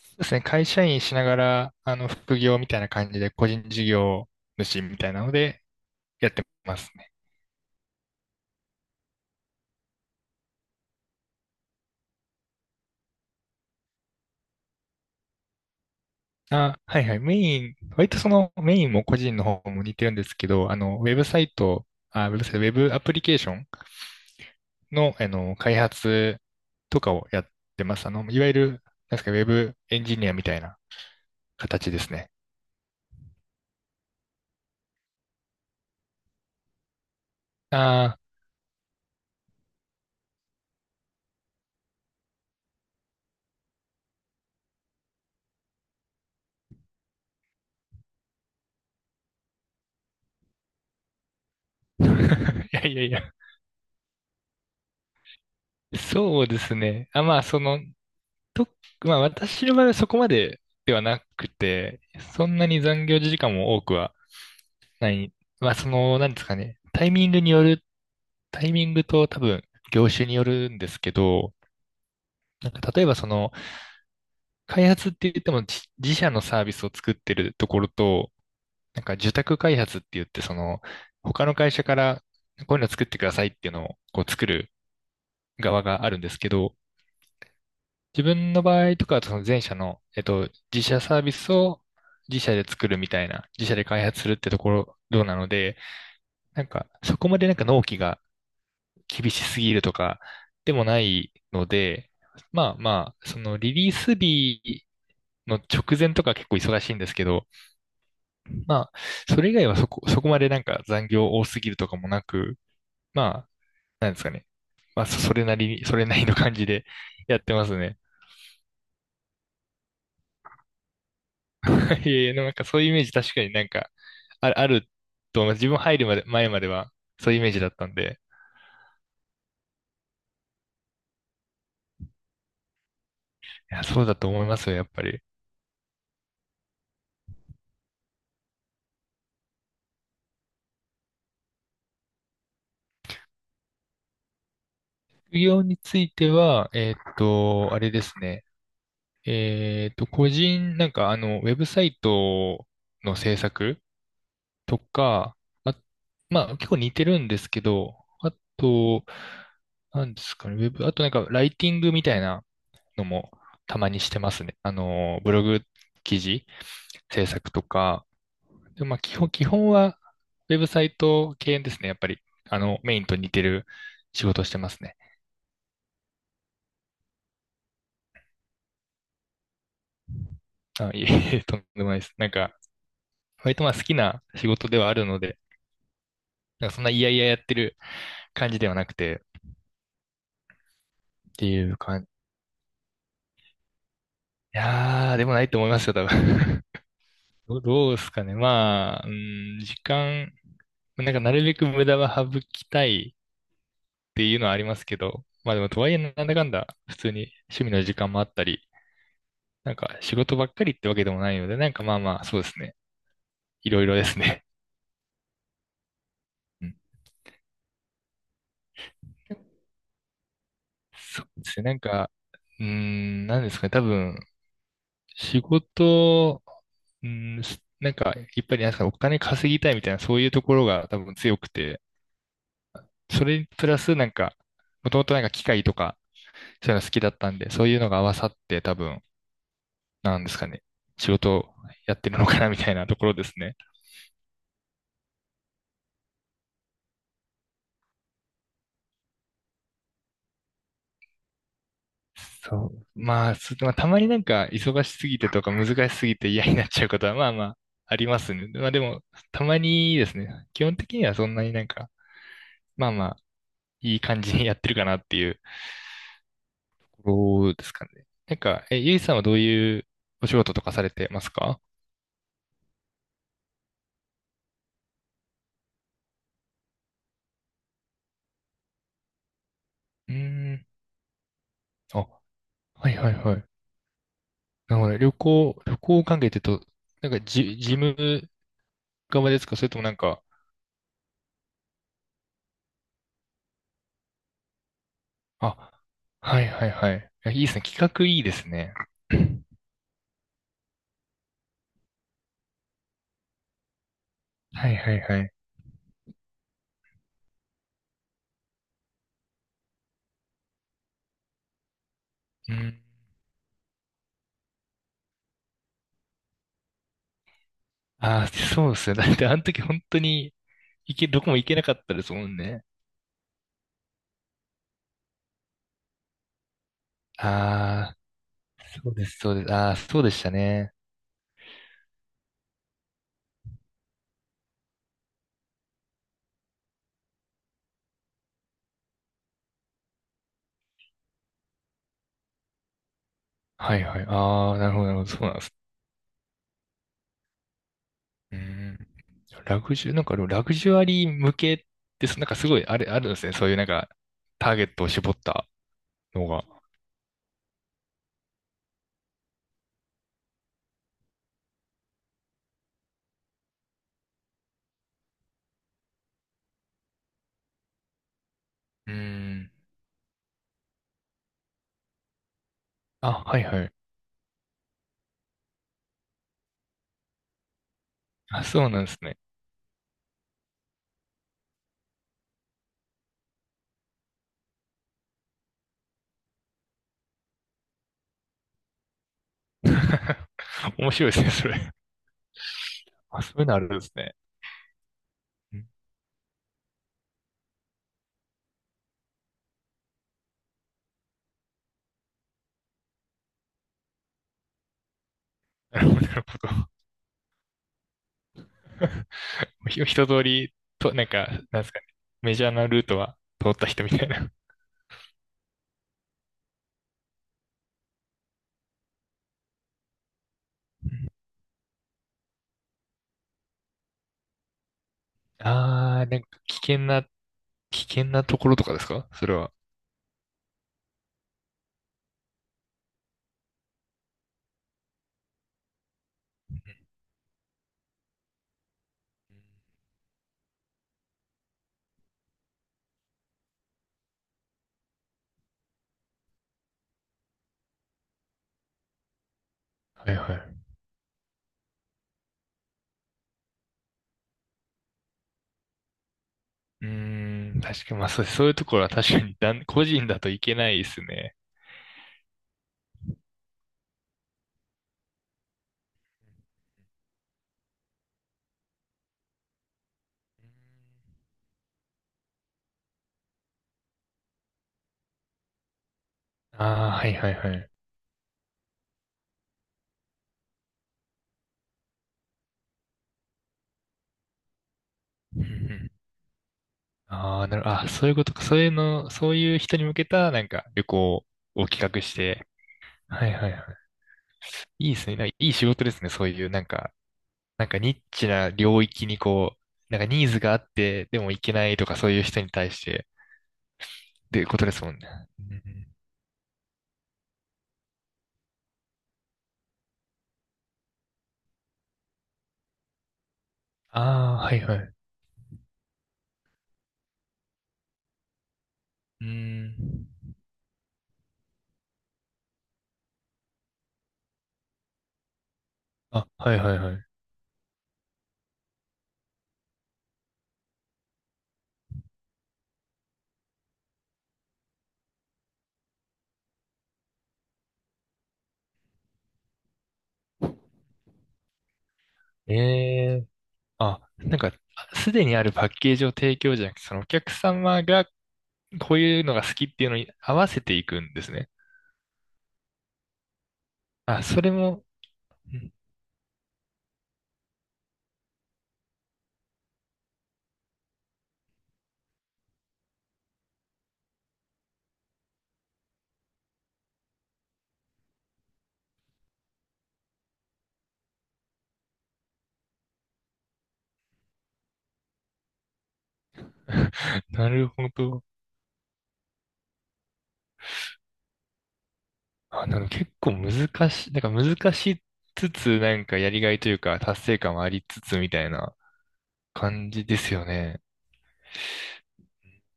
そうですね。会社員しながら、副業みたいな感じで、個人事業主みたいなので、やってますね。あ、はいはい。メイン、割とそのメインも個人の方も似てるんですけど、ウェブサイト、あ、ウェブサイト、ウェブアプリケーションの、開発とかをやってます。いわゆる、なんですか、ウェブエンジニアみたいな形ですね。ああ、いやいやいや、そうですね。あ、まあ、と、まあ私の場合はそこまでではなくて、そんなに残業時間も多くはない。まあなんですかね、タイミングと多分業種によるんですけど、なんか例えばその開発って言っても自社のサービスを作ってるところと、なんか受託開発って言ってその他の会社からこういうの作ってくださいっていうのをこう作る側があるんですけど、自分の場合とかは、その前者の、自社サービスを自社で作るみたいな、自社で開発するってところ、どうなので、なんか、そこまでなんか納期が厳しすぎるとか、でもないので、まあまあ、そのリリース日の直前とか結構忙しいんですけど、まあ、それ以外はそこまでなんか残業多すぎるとかもなく、まあ、なんですかね。まあ、それなりの感じでやってますね。いやいや、でもなんかそういうイメージ確かになんか、あると思います。自分入るまで、前まではそういうイメージだったんで、いや、そうだと思いますよ、やっぱり。副業については、あれですね。個人、ウェブサイトの制作とか、あ、まあ結構似てるんですけど、あと、なんですかね、ウェブ、あとなんかライティングみたいなのもたまにしてますね。ブログ記事制作とか、でもまあ基本はウェブサイト系ですね、やっぱり。メインと似てる仕事してますね。あ、いえいえ、とんでもないです。なんか、割とまあ好きな仕事ではあるので、なんかそんな嫌々やってる感じではなくて、っていう感じ。いやー、でもないと思いますよ、多分。どうですかね。まあ、うん、なんかなるべく無駄は省きたいっていうのはありますけど、まあでもとはいえなんだかんだ普通に趣味の時間もあったり、なんか仕事ばっかりってわけでもないので、なんかまあまあ、そうですね。いろいろですね。うん。そうですね。なんか、なんですかね。多分、仕事、なんか、やっぱりなんですかお金稼ぎたいみたいな、そういうところが多分強くて、それにプラスなんか、もともとなんか機械とか、そういうの好きだったんで、そういうのが合わさって多分、なんですかね。仕事をやってるのかなみたいなところですね。そう。まあ、まあ、たまになんか忙しすぎてとか難しすぎて嫌になっちゃうことはまあまあありますね。まあでも、たまにですね。基本的にはそんなになんか、まあまあ、いい感じにやってるかなっていうところですかね。なんか、ゆいさんはどういうお仕事とかされてますか？うーん。あ、はいはいはい。なるほどね。旅行関係って言うと、なんか事務側ですか？それともなんか、あ、はいはいはい。いやいいですね。企画いいですね。はいはいはい。うん。ああ、そうですね。だってあの時本当にどこも行けなかったですもんね。ああ、そうです、そうです。ああ、そうでしたね。はいはい。ああ、なるほど、なるほど。そうなんです。うん。ラグジュ、なんかでもラグジュアリー向けって、なんかすごいあるんですね。そういうなんかターゲットを絞ったのが。うん。あ、はいはい。あ、そうなんですね。面白いですね、それ。あ、そういうのあるんですね。うん。なるほど、なるほど。一通り、なんか、なんですかね、メジャーなルートは通った人みたいな。ああ、なんか危険なところとかですか？それは。はいはい。うーん、確かに、まあそういうところは確かに個人だといけないですね。ああ、はいはいはい。うんうん。ああ、なる、あ、そういうことか。そういうの、そういう人に向けた、なんか、旅行を企画して。はいはいはい。いいですね。なんかいい仕事ですね。そういう、なんかニッチな領域にこう、なんかニーズがあって、でも行けないとかそういう人に対して、っていうことですもんね。うん。ああ、はいはい。うん。あ、はいはいはい。ええ。あ、なんか、すでにあるパッケージを提供じゃなくて、そのお客様がこういうのが好きっていうのに合わせていくんですね。あ、それも、うん。 なるほど。あ、なんか結構難しい、なんか難しつつ、なんかやりがいというか達成感はありつつみたいな。感じですよね。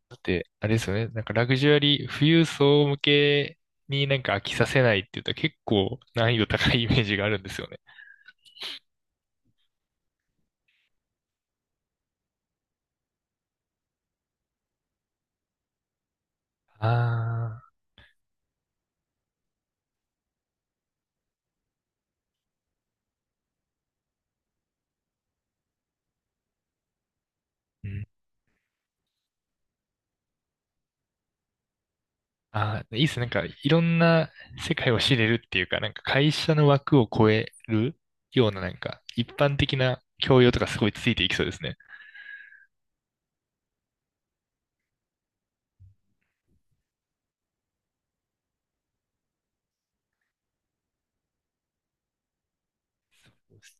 だって、あれですよね。なんかラグジュアリー、富裕層向けになんか飽きさせないって言ったら結構難易度高いイメージがあるんですよね。ああ、うん。ああ、いいっすね。なんかいろんな世界を知れるっていうか、なんか会社の枠を超えるようななんか一般的な教養とかすごいついていきそうですね。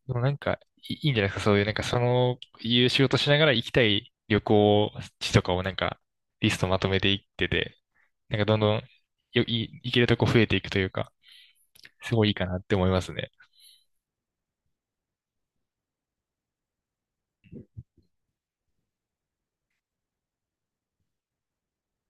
でもなんか、いいいんじゃないですか、そういう、いう仕事しながら行きたい旅行地とかをなんか、リストまとめていってて、なんかどんどん行けるとこ増えていくというか、すごいいいかなって思いますね。